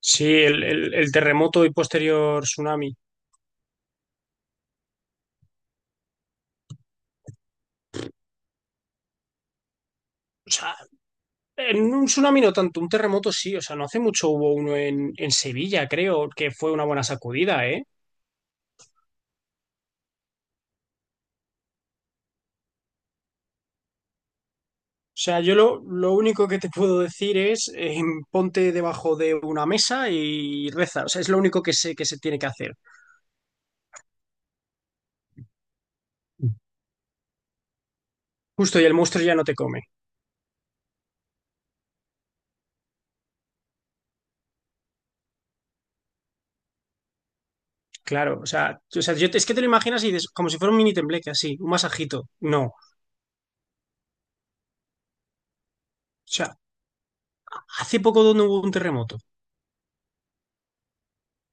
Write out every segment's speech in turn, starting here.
Sí, el, el terremoto y posterior tsunami. O sea, en un tsunami no tanto, un terremoto sí. O sea, no hace mucho hubo uno en Sevilla, creo, que fue una buena sacudida, ¿eh? O sea, yo lo único que te puedo decir es ponte debajo de una mesa y reza. O sea, es lo único que sé que se tiene que hacer. Justo, y el monstruo ya no te come. Claro, o sea, o sea, yo, es que te lo imaginas y dices, como si fuera un mini tembleque, así, un masajito. No. O sea, hace poco donde hubo un terremoto.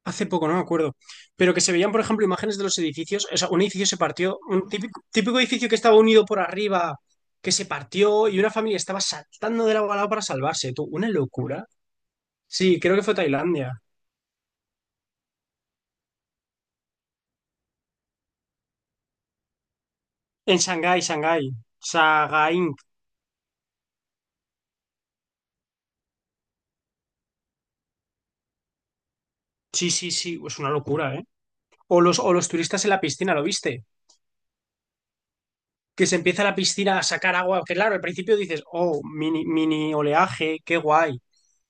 Hace poco, no me acuerdo. Pero que se veían, por ejemplo, imágenes de los edificios. O sea, un edificio se partió, un típico, típico edificio que estaba unido por arriba, que se partió y una familia estaba saltando de lado a lado para salvarse. Tú, una locura. Sí, creo que fue Tailandia. En Shanghái, Shanghái. Sagaing. Sí, sí, sí. Es una locura, ¿eh? O los turistas en la piscina, ¿lo viste? Que se empieza la piscina a sacar agua. Que claro, al principio dices, oh, mini, mini oleaje, qué guay.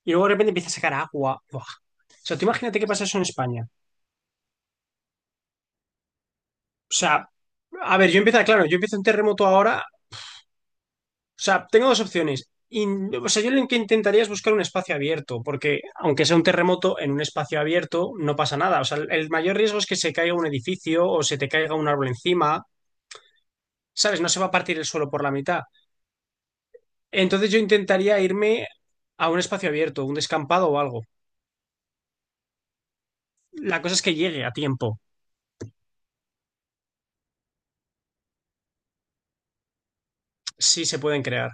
Y luego de repente empieza a sacar agua. Buah. O sea, tú imagínate qué pasa eso en España. O sea, a ver, yo empiezo, claro, yo empiezo en terremoto ahora. O sea, tengo dos opciones. O sea, yo lo que intentaría es buscar un espacio abierto, porque aunque sea un terremoto en un espacio abierto, no pasa nada. O sea, el mayor riesgo es que se caiga un edificio o se te caiga un árbol encima, ¿sabes? No se va a partir el suelo por la mitad. Entonces yo intentaría irme a un espacio abierto, un descampado o algo. La cosa es que llegue a tiempo, si se pueden crear.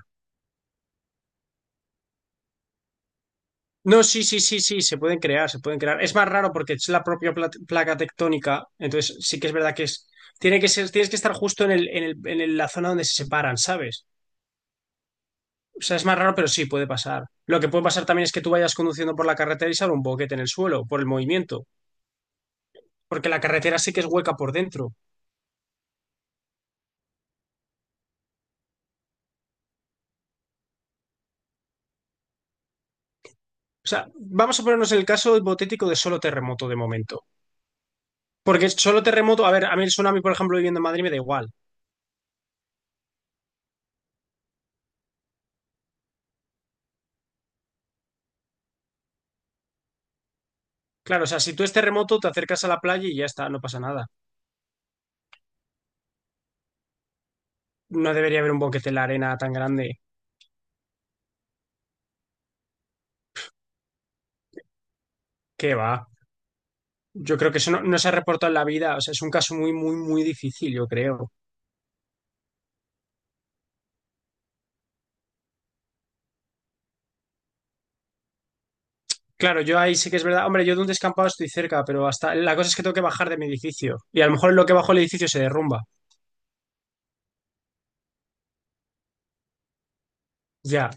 No, sí, sí, sí, sí, se pueden crear, se pueden crear. Es más raro porque es la propia placa tectónica, entonces sí que es verdad que es, tiene que ser, tienes que estar justo en el, la zona donde se separan, ¿sabes? O sea, es más raro, pero sí puede pasar. Lo que puede pasar también es que tú vayas conduciendo por la carretera y salga un boquete en el suelo por el movimiento, porque la carretera sí que es hueca por dentro. O sea, vamos a ponernos el caso hipotético de solo terremoto de momento. Porque solo terremoto, a ver, a mí el tsunami, por ejemplo, viviendo en Madrid me da igual. Claro, o sea, si tú es terremoto, te acercas a la playa y ya está, no pasa nada. No debería haber un boquete en la arena tan grande. ¿Qué va? Yo creo que eso no, no se ha reportado en la vida. O sea, es un caso muy, muy, muy difícil, yo creo. Claro, yo ahí sí que es verdad. Hombre, yo de un descampado estoy cerca, pero hasta la cosa es que tengo que bajar de mi edificio. Y a lo mejor lo que bajo el edificio se derrumba. Ya,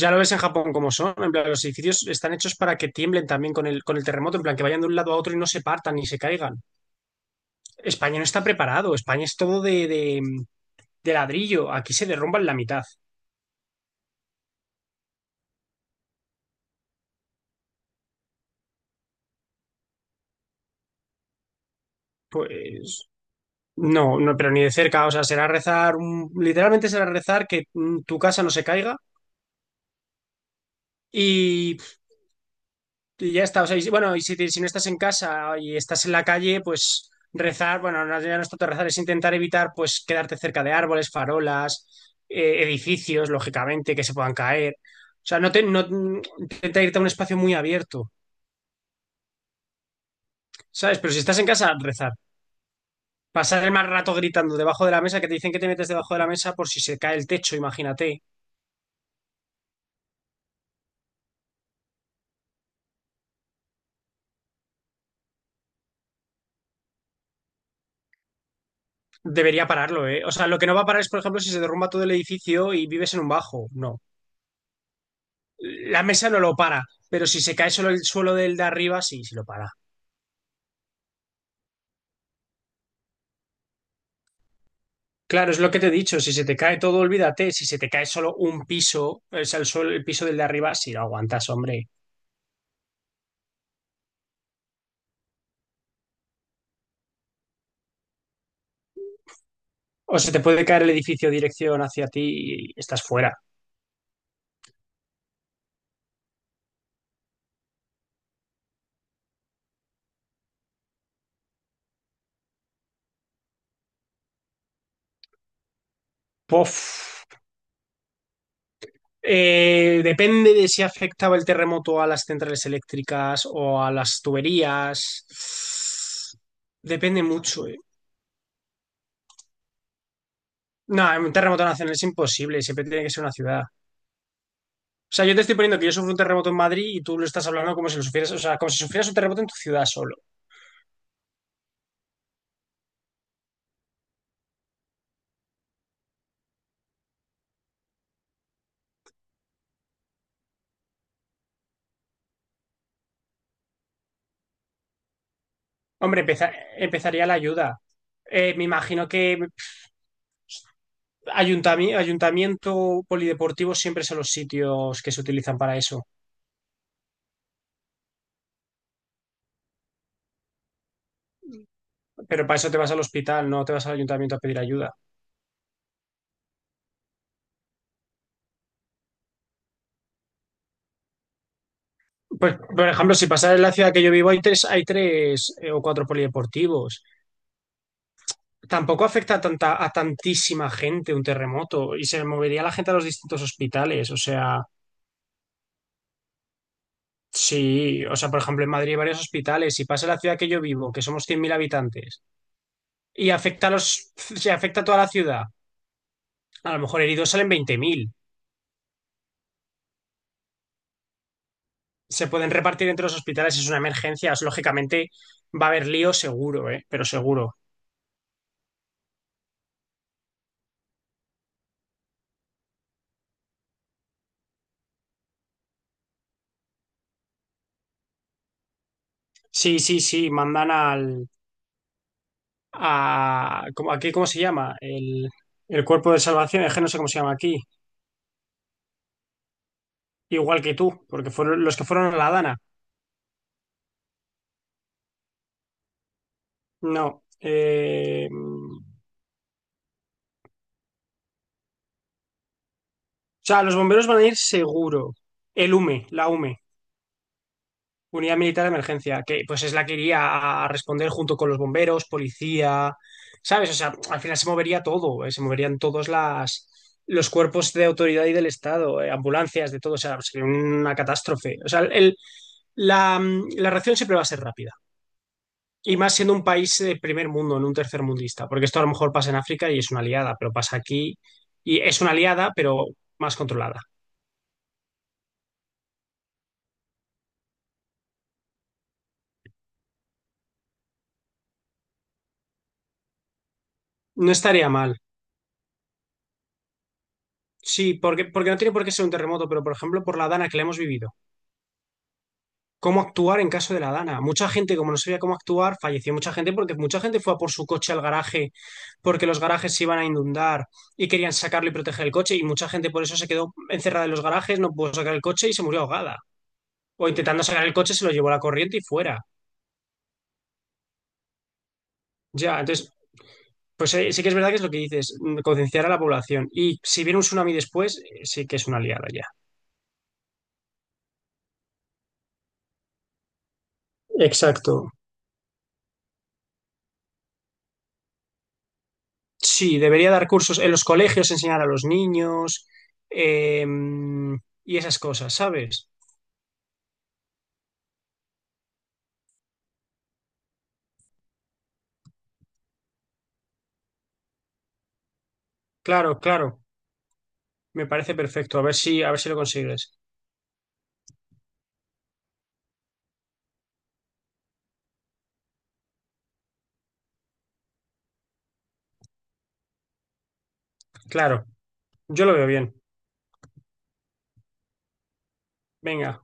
ya lo ves en Japón como son. En plan, los edificios están hechos para que tiemblen también con el terremoto, en plan, que vayan de un lado a otro y no se partan ni se caigan. España no está preparado. España es todo de ladrillo. Aquí se derrumba en la mitad. Pues no, no, pero ni de cerca, o sea, será rezar, literalmente será rezar que tu casa no se caiga y, y ya está, o sea, bueno, y si, si no estás en casa y estás en la calle, pues rezar, bueno, no, ya no es tanto rezar, es intentar evitar, pues, quedarte cerca de árboles, farolas, edificios, lógicamente, que se puedan caer, o sea, no te, no, intenta irte a un espacio muy abierto, ¿sabes? Pero si estás en casa, rezar. Pasar el más rato gritando debajo de la mesa, que te dicen que te metes debajo de la mesa por si se cae el techo, imagínate. Debería pararlo, ¿eh? O sea, lo que no va a parar es, por ejemplo, si se derrumba todo el edificio y vives en un bajo. No. La mesa no lo para, pero si se cae solo el suelo del de arriba, sí, sí lo para. Claro, es lo que te he dicho. Si se te cae todo, olvídate. Si se te cae solo un piso, o sea, el suelo, el piso del de arriba, sí lo aguantas, hombre. O se te puede caer el edificio dirección hacia ti y estás fuera. Pof. Depende de si afectaba el terremoto a las centrales eléctricas o a las tuberías. Depende mucho, ¿eh? No, en un terremoto nacional es imposible, siempre tiene que ser una ciudad. O sea, yo te estoy poniendo que yo sufro un terremoto en Madrid y tú lo estás hablando como si lo sufrieras, o sea, como si sufrieras un terremoto en tu ciudad solo. Hombre, empezaría la ayuda. Me imagino que ayuntamiento polideportivo siempre son los sitios que se utilizan para eso. Pero para eso te vas al hospital, no te vas al ayuntamiento a pedir ayuda. Pues, por ejemplo, si pasas en la ciudad que yo vivo, hay tres o cuatro polideportivos. Tampoco afecta a tanta, a tantísima gente un terremoto y se movería la gente a los distintos hospitales. O sea, sí, o sea, por ejemplo, en Madrid hay varios hospitales. Si pasa en la ciudad que yo vivo, que somos 100.000 habitantes, y afecta a los, se afecta a toda la ciudad, a lo mejor heridos salen 20.000. Se pueden repartir entre los hospitales, es una emergencia. Lógicamente va a haber lío seguro, ¿eh? Pero seguro. Sí, sí, sí, mandan al... A, ¿cómo- aquí, ¿cómo se llama? El cuerpo de salvación, es que no sé cómo se llama aquí. Igual que tú, porque fueron los que fueron a la Dana. No. O sea, los bomberos van a ir seguro. El UME, la UME, Unidad Militar de Emergencia, que pues es la que iría a responder junto con los bomberos, policía, ¿sabes? O sea, al final se movería todo, se moverían todos las, los cuerpos de autoridad y del Estado, ambulancias, de todo. O sea, sería una catástrofe. O sea, el, la, la reacción siempre va a ser rápida. Y más siendo un país de primer mundo, en un tercer mundista, porque esto a lo mejor pasa en África y es una aliada, pero pasa aquí y es una aliada, pero más controlada. No estaría mal. Sí, porque, porque no tiene por qué ser un terremoto, pero por ejemplo, por la Dana que le hemos vivido. ¿Cómo actuar en caso de la Dana? Mucha gente, como no sabía cómo actuar, falleció mucha gente porque mucha gente fue a por su coche al garaje porque los garajes se iban a inundar y querían sacarlo y proteger el coche y mucha gente por eso se quedó encerrada en los garajes, no pudo sacar el coche y se murió ahogada. O intentando sacar el coche se lo llevó la corriente y fuera. Ya, entonces pues sí que es verdad que es lo que dices, concienciar a la población. Y si viene un tsunami después, sí que es una liada ya. Exacto. Sí, debería dar cursos en los colegios, enseñar a los niños eh, y esas cosas, ¿sabes? Claro, claro. Me parece perfecto. A ver si lo consigues. Claro, yo lo veo bien. Venga.